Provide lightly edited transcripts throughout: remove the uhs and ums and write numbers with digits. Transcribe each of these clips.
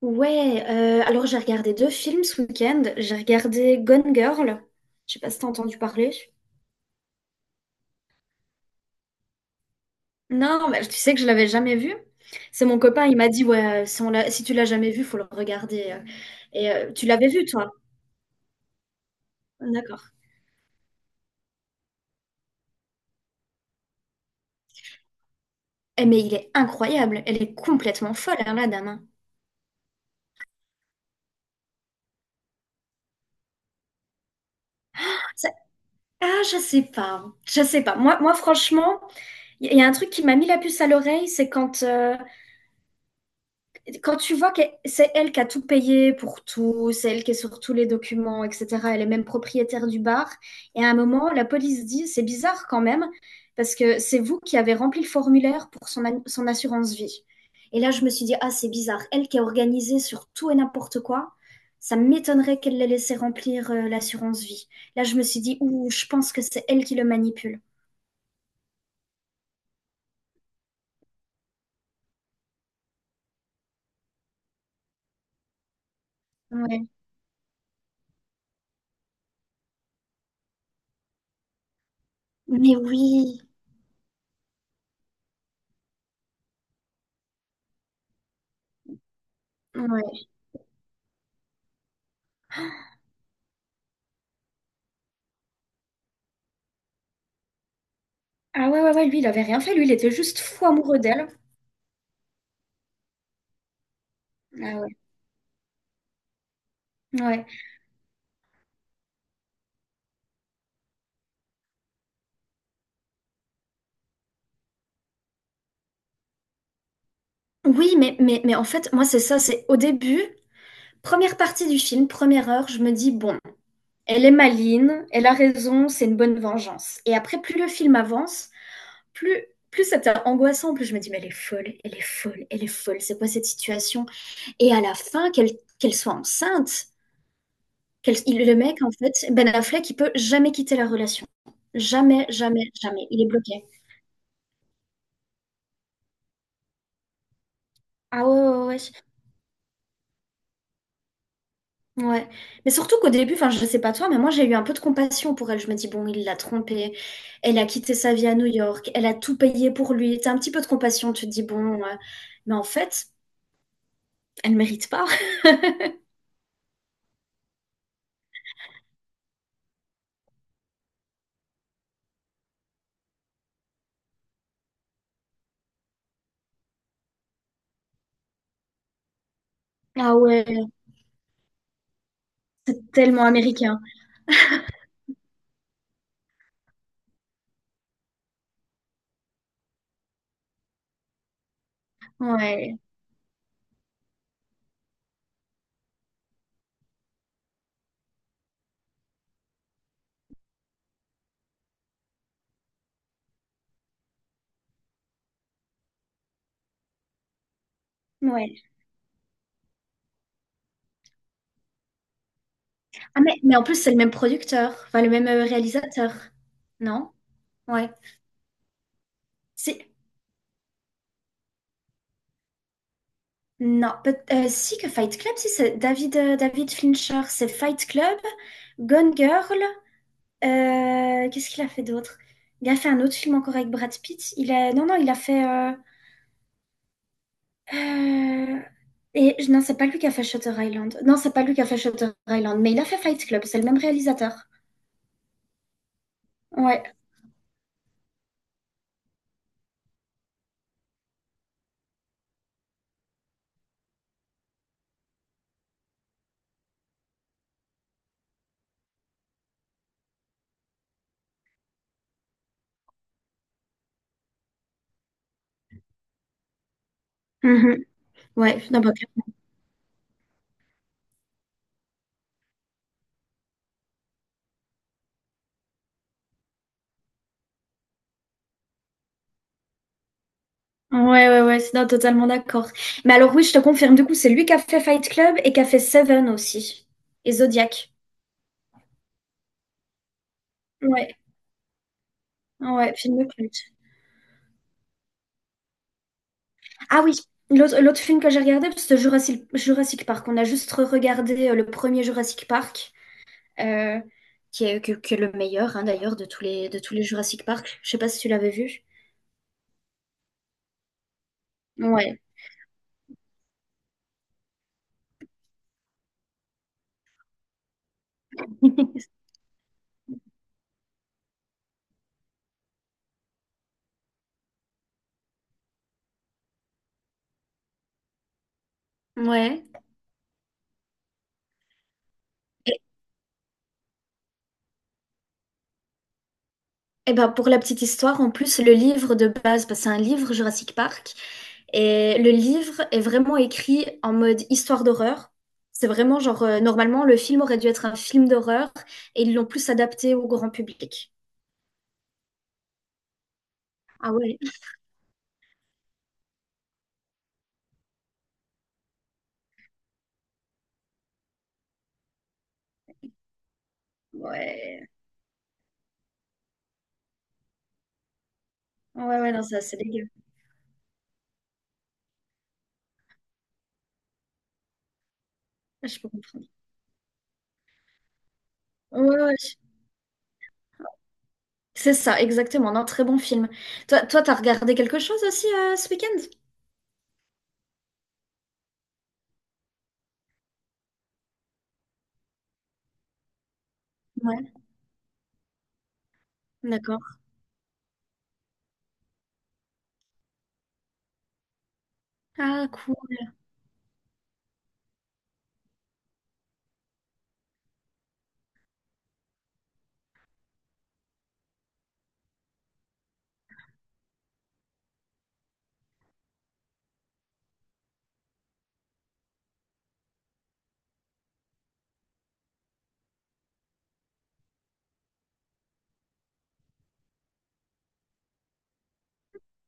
Ouais, alors j'ai regardé deux films ce week-end. J'ai regardé Gone Girl. Je sais pas si t'as entendu parler. Non, mais tu sais que je l'avais jamais vu. C'est mon copain, il m'a dit, ouais, si, si tu l'as jamais vu, faut le regarder. Et tu l'avais vu, toi? D'accord. Eh, mais il est incroyable. Elle est complètement folle, hein, la dame. Hein. Ça- Ah, je sais pas. Je sais pas. Moi, franchement, y a un truc qui m'a mis la puce à l'oreille, c'est quand quand tu vois que c'est elle qui a tout payé pour tout, c'est elle qui est sur tous les documents, etc., elle est même propriétaire du bar, et à un moment, la police dit, c'est bizarre quand même, parce que c'est vous qui avez rempli le formulaire pour son assurance vie. Et là, je me suis dit, ah, c'est bizarre, elle qui est organisée sur tout et n'importe quoi, ça m'étonnerait qu'elle l'ait laissé remplir l'assurance vie. Là, je me suis dit, ouh, je pense que c'est elle qui le manipule. Ouais. Mais oui. Ouais. Ah ouais, ouais, ouais, lui, il avait rien fait, lui, il était juste fou amoureux d'elle. Ah ouais. Ouais. Oui, mais en fait, moi, c'est ça, c'est au début, première partie du film, première heure, je me dis, bon, elle est maligne, elle a raison, c'est une bonne vengeance. Et après, plus le film avance, plus, plus c'était angoissant, plus je me dis, mais elle est folle, elle est folle, elle est folle, c'est quoi cette situation? Et à la fin, qu'elle soit enceinte, le mec, en fait, Ben Affleck, il peut jamais quitter la relation. Jamais, jamais, jamais. Il est bloqué. Ah ouais, ouais, ouais, ouais. Ouais, mais surtout qu'au début, enfin, je sais pas toi, mais moi j'ai eu un peu de compassion pour elle. Je me dis, bon, il l'a trompée, elle a quitté sa vie à New York, elle a tout payé pour lui. T'as un petit peu de compassion, tu te dis, bon, mais en fait, elle mérite pas. Ah ouais, tellement américain. Ouais, ouais. Ah, mais en plus, c'est le même producteur, enfin, le même réalisateur, non? Ouais. Si, non, peut- Si que Fight Club, si c'est David, David Fincher, c'est Fight Club, Gone Girl. Qu'est-ce qu'il a fait d'autre? Il a fait un autre film encore avec Brad Pitt. Il a... Non, non, il a fait... euh, Et non, c'est pas lui qui a fait Shutter Island. Non, c'est pas lui qui a fait Shutter Island, mais il a fait Fight Club. C'est le même réalisateur. Ouais. Mhm. Ouais, non, bah, Ouais, ouais, ouais, non, totalement d'accord. Mais alors oui, je te confirme, du coup, c'est lui qui a fait Fight Club et qui a fait Seven aussi. Et Zodiac. Ouais, ouais, film de culte. Ah oui, l'autre film que j'ai regardé, c'est Jurassic Park. On a juste regardé le premier Jurassic Park. euh, qui est, qui est le meilleur, hein, d'ailleurs, de tous les Jurassic Park. Je sais pas si tu l'avais vu. Ouais. Ouais. Et, et ben pour la petite histoire, en plus, le livre de base, parce que c'est un livre Jurassic Park, et le livre est vraiment écrit en mode histoire d'horreur. C'est vraiment genre, normalement, le film aurait dû être un film d'horreur, et ils l'ont plus adapté au grand public. Ah ouais. Ouais, ouais, ouais, non, ça, c'est dégueu. Je peux comprendre. Ouais, ouais, c'est ça, exactement. Non, très bon film. Toi, t'as regardé quelque chose aussi ce week-end? Ouais, d'accord. Ah, cool.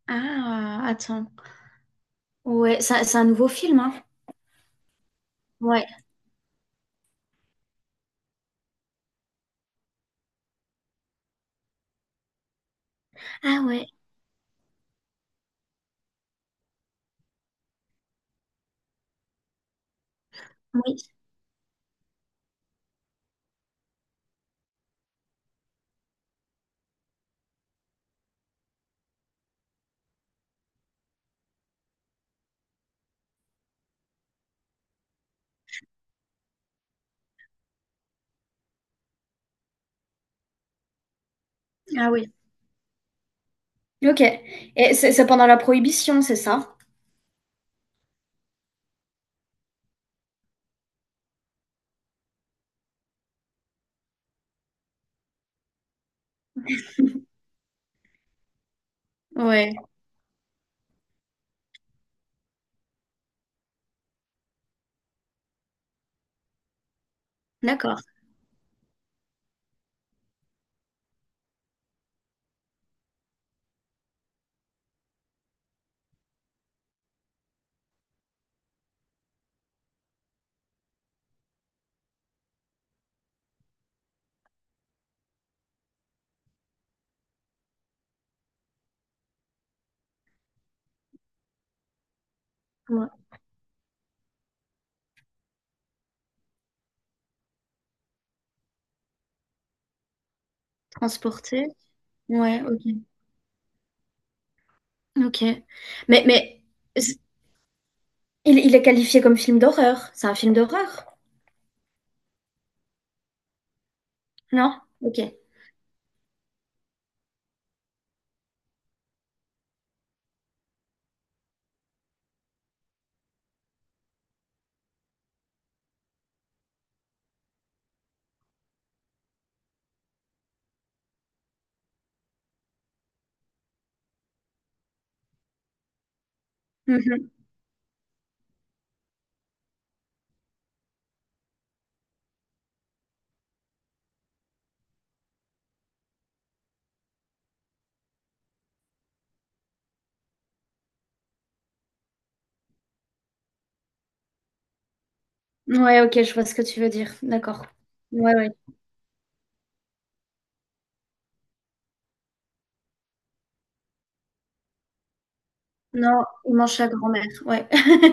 Ah, attends. Ouais, c'est un nouveau film, hein? Ouais. Ah ouais, oui. Ah oui. Ok. Et c'est pendant la Prohibition, c'est ça? Ouais, d'accord. Ouais. Transporté. Ouais, ok. Ok. Mais, mais c- il est qualifié comme film d'horreur. C'est un film d'horreur? Non? Ok. Mhm. Ouais, ok, je vois ce que tu veux dire. D'accord. Ouais, ouais. Non, il mange sa grand-mère, ouais.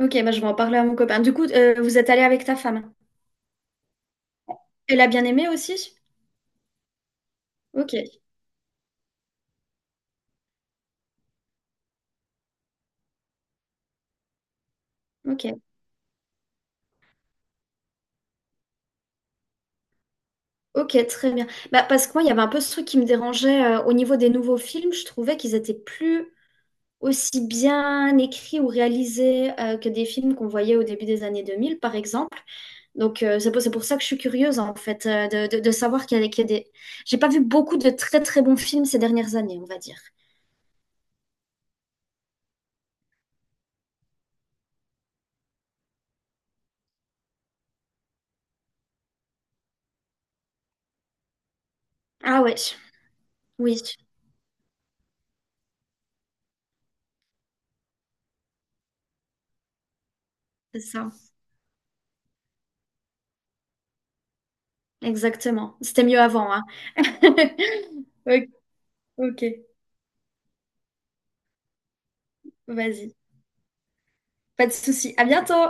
Ok, bah je vais en parler à mon copain. Du coup, vous êtes allé avec ta femme. Elle a bien aimé aussi? Ok, ok, ok, très bien. Bah, parce que moi, il y avait un peu ce truc qui me dérangeait au niveau des nouveaux films. Je trouvais qu'ils étaient plus aussi bien écrits ou réalisés que des films qu'on voyait au début des années 2000, par exemple. Donc, c'est c'est pour ça que je suis curieuse, en fait, de savoir qu'il y a des... J'ai pas vu beaucoup de très, très bons films ces dernières années, on va dire. Ah ouais, oui, c'est ça. Exactement. C'était mieux avant, hein. Ok, ok, vas-y. Pas de souci. À bientôt!